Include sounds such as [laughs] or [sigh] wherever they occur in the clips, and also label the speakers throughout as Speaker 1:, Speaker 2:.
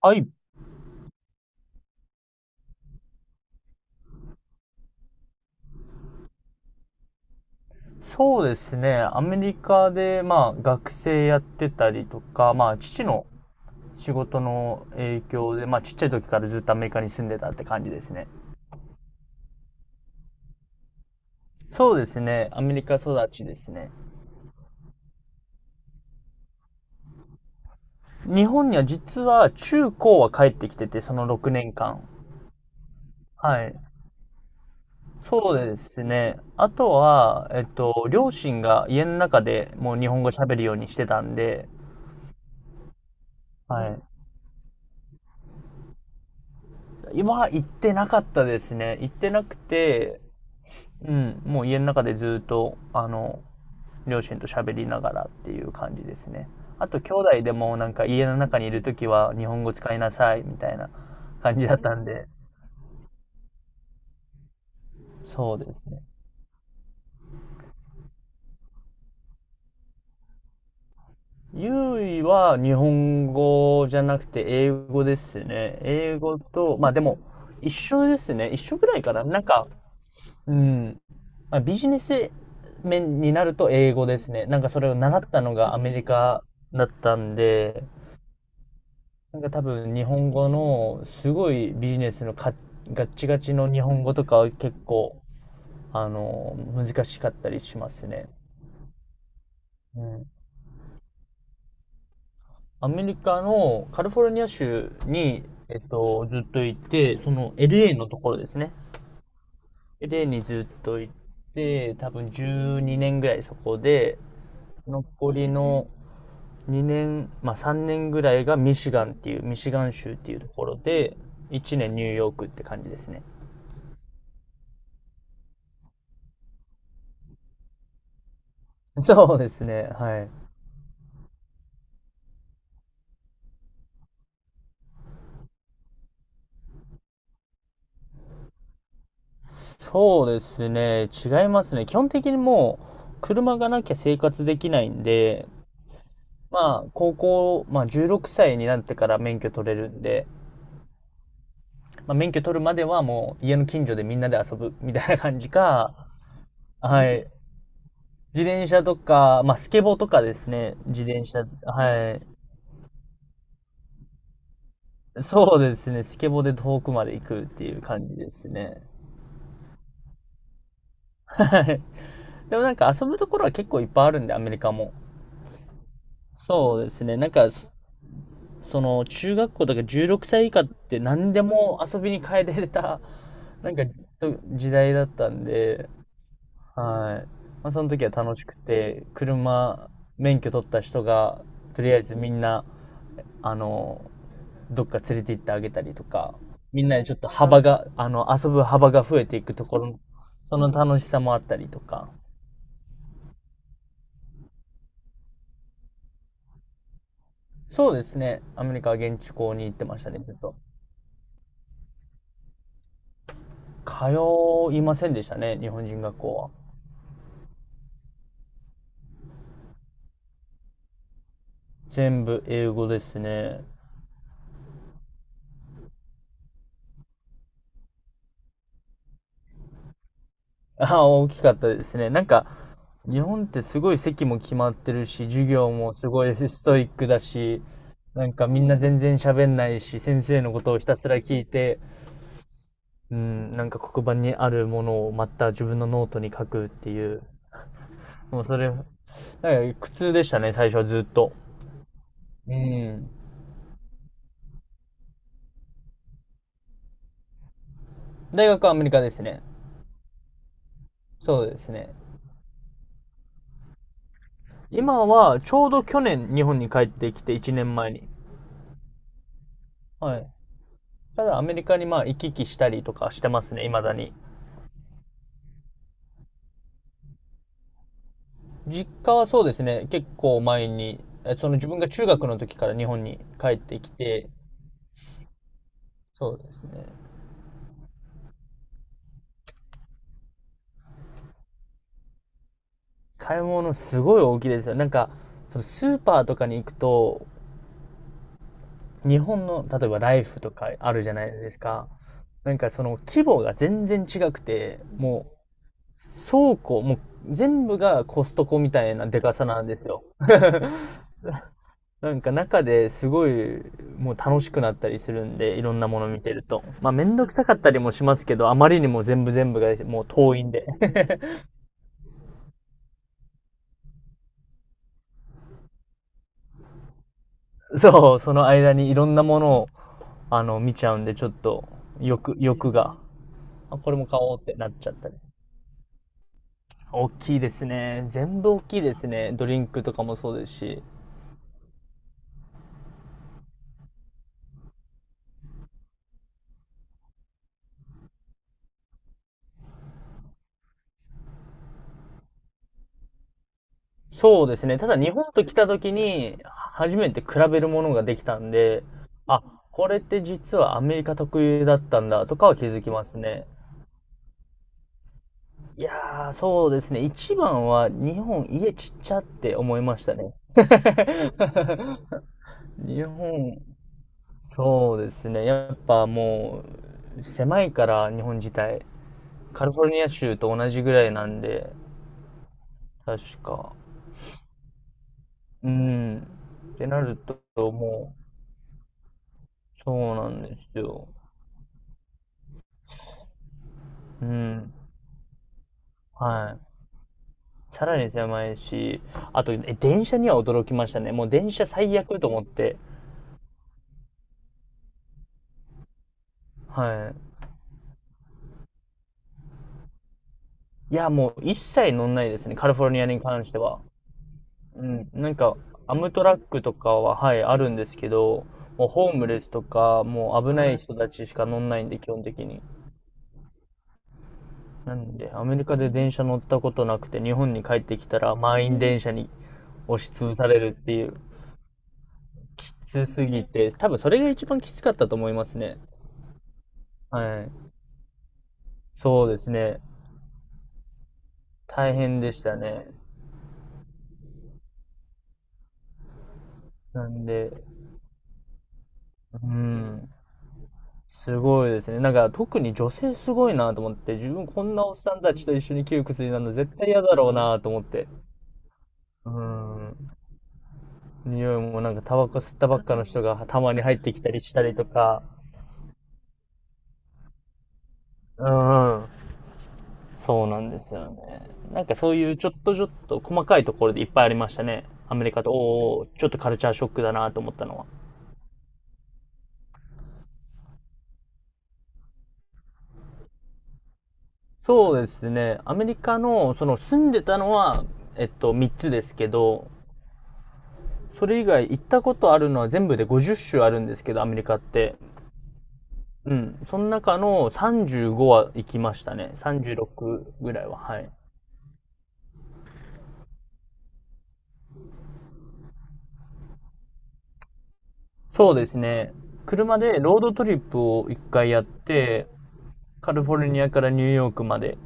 Speaker 1: はい。そうですね。アメリカで、まあ、学生やってたりとか、まあ、父の仕事の影響で、まあ、ちっちゃい時からずっとアメリカに住んでたって感じですね。そうですね。アメリカ育ちですね。日本には実は中高は帰ってきてて、その6年間。はい。そうですね。あとは、両親が家の中でもう日本語喋るようにしてたんで。はい。今は行ってなかったですね。行ってなくて、うん、もう家の中でずっと、あの、両親と喋りながらっていう感じですね。あと、兄弟でもなんか家の中にいるときは日本語使いなさいみたいな感じだったんで。そうです。ゆいは日本語じゃなくて英語ですね。英語と、まあでも一緒ですね。一緒ぐらいかな。なんか、うん。まあ、ビジネス面になると英語ですね。なんかそれを習ったのがアメリカだったんで、なんか多分日本語のすごいビジネスのガッチガチの日本語とかは結構あの難しかったりしますね。うん。アメリカのカリフォルニア州に、ずっといて、その LA のところですね。LA にずっといて、多分12年ぐらいそこで、残りの2年、まあ3年ぐらいがミシガンっていう、ミシガン州っていうところで、1年ニューヨークって感じですね。そうですね。はい。そうですね。違いますね。基本的にもう、車がなきゃ生活できないんで、まあ、高校、まあ、16歳になってから免許取れるんで、まあ、免許取るまではもう、家の近所でみんなで遊ぶみたいな感じか。はい。自転車とか、まあ、スケボーとかですね。自転車、はい。そうですね。スケボーで遠くまで行くっていう感じですね。はい。でもなんか遊ぶところは結構いっぱいあるんで、アメリカも。そうですね。なんか、その中学校とか16歳以下って何でも遊びに変えれた [laughs] なんかと時代だったんで。はい。まあ、その時は楽しくて、車免許取った人がとりあえずみんな、あの、どっか連れて行ってあげたりとか、みんなでちょっと幅が、あの、遊ぶ幅が増えていくところ、その楽しさもあったりとか。そうですね。アメリカは現地校に行ってましたね、ずっと。通いませんでしたね、日本人学校は。全部英語ですね。[laughs] あ、大きかったですね。なんか、日本ってすごい席も決まってるし、授業もすごいストイックだし、なんかみんな全然喋んないし、先生のことをひたすら聞いて、うん、なんか黒板にあるものをまた自分のノートに書くっていう、もうそれ、なんか苦痛でしたね、最初はずっと。うん。大学はアメリカですね。そうですね。今は、ちょうど去年日本に帰ってきて、1年前に。はい。ただアメリカにまあ行き来したりとかしてますね、未だに。実家はそうですね、結構前に、その自分が中学の時から日本に帰ってきて、そうですね。買い物すごい大きいですよ。なんか、そのスーパーとかに行くと、日本の、例えばライフとかあるじゃないですか。なんかその規模が全然違くて、もう倉庫、もう全部がコストコみたいなでかさなんですよ。[laughs] なんか中ですごいもう楽しくなったりするんで、いろんなもの見てると。まあめんどくさかったりもしますけど、あまりにも全部全部がもう遠いんで。[laughs] そう、その間にいろんなものをあの見ちゃうんで、ちょっと欲が。あ、これも買おうってなっちゃったり。大きいですね。全部大きいですね。ドリンクとかもそうですし。そうですね。ただ日本と来た時に初めて比べるものができたんで、あ、これって実はアメリカ特有だったんだとかは気づきますね。いやー、そうですね。一番は日本家ちっちゃって思いましたね。[laughs] 日本、そうですね。やっぱもう狭いから日本自体。カリフォルニア州と同じぐらいなんで、確か。うん。ってなるともう、そうなんですよ。うん。はい。さらに狭いし、あと、え、電車には驚きましたね。もう電車最悪と思って。はい。いや、もう一切乗んないですね、カリフォルニアに関しては。うん。なんか、アムトラックとかは、はい、あるんですけど、もうホームレスとか、もう危ない人たちしか乗んないんで、基本的に。なんで、アメリカで電車乗ったことなくて、日本に帰ってきたら満員電車に押しつぶされるっていう。きつすぎて、多分それが一番きつかったと思いますね。はい。そうですね。大変でしたね。なんで、うん、すごいですね。なんか特に女性すごいなと思って、自分こんなおっさんたちと一緒に窮屈になるの絶対嫌だろうなと思って。うん。匂いもなんかタバコ吸ったばっかの人がたまに入ってきたりしたりとか。うん。そうなんですよね。なんかそういうちょっとちょっと細かいところでいっぱいありましたね。アメリカと、おーおー、ちょっとカルチャーショックだなと思ったのは。そうですね。アメリカの、その住んでたのは、3つですけど、それ以外行ったことあるのは全部で50州あるんですけど、アメリカって。うん。その中の35は行きましたね。36ぐらいは、はい。そうですね。車でロードトリップを1回やって、カリフォルニアからニューヨークまで、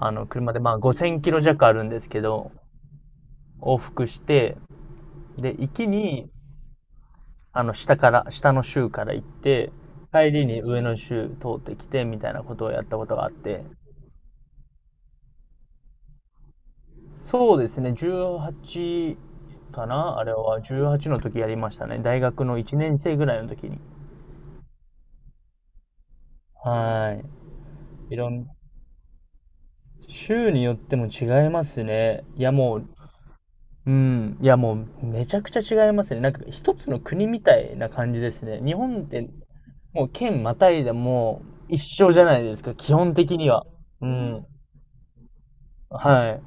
Speaker 1: あの、車でまあ5000キロ弱あるんですけど、往復して、で、行きにあの、下から、下の州から行って、帰りに上の州通ってきて、みたいなことをやったことがあって、そうですね、18かなあれは、18の時やりましたね。大学の1年生ぐらいの時に。はい。いろん、州によっても違いますね。いや、もう、うん。いや、もう、めちゃくちゃ違いますね。なんか、一つの国みたいな感じですね。日本って、もう、県またいでも、一緒じゃないですか、基本的には。うん。はい。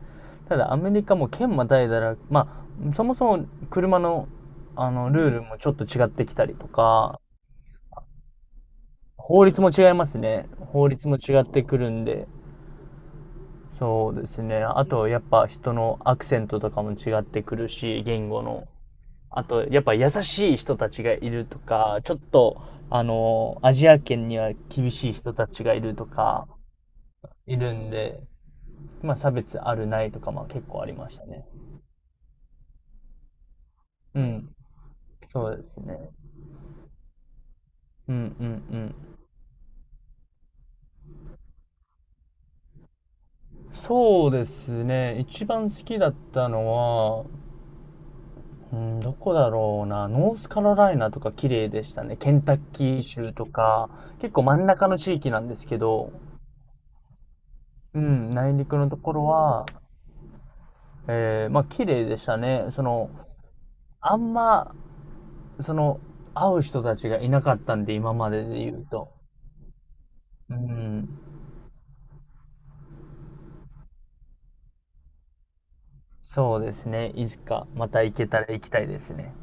Speaker 1: ただアメリカも県またいだら、まあ、そもそも車の、あの、ルールもちょっと違ってきたりとか、法律も違いますね。法律も違ってくるんで、そうですね。あと、やっぱ人のアクセントとかも違ってくるし、言語の。あと、やっぱ優しい人たちがいるとか、ちょっと、あの、アジア圏には厳しい人たちがいるとか、いるんで、まあ差別あるないとか、まあ結構ありましたね。うん。そうですね。うん。うん。うん。そうですね、一番好きだったのは、うん、どこだろうな。ノースカロライナとか綺麗でしたね。ケンタッキー州とか結構真ん中の地域なんですけど、うん、内陸のところは、まあ綺麗でしたね。そのあんまその会う人たちがいなかったんで今までで言うと、うん、そうですね、いつかまた行けたら行きたいですね。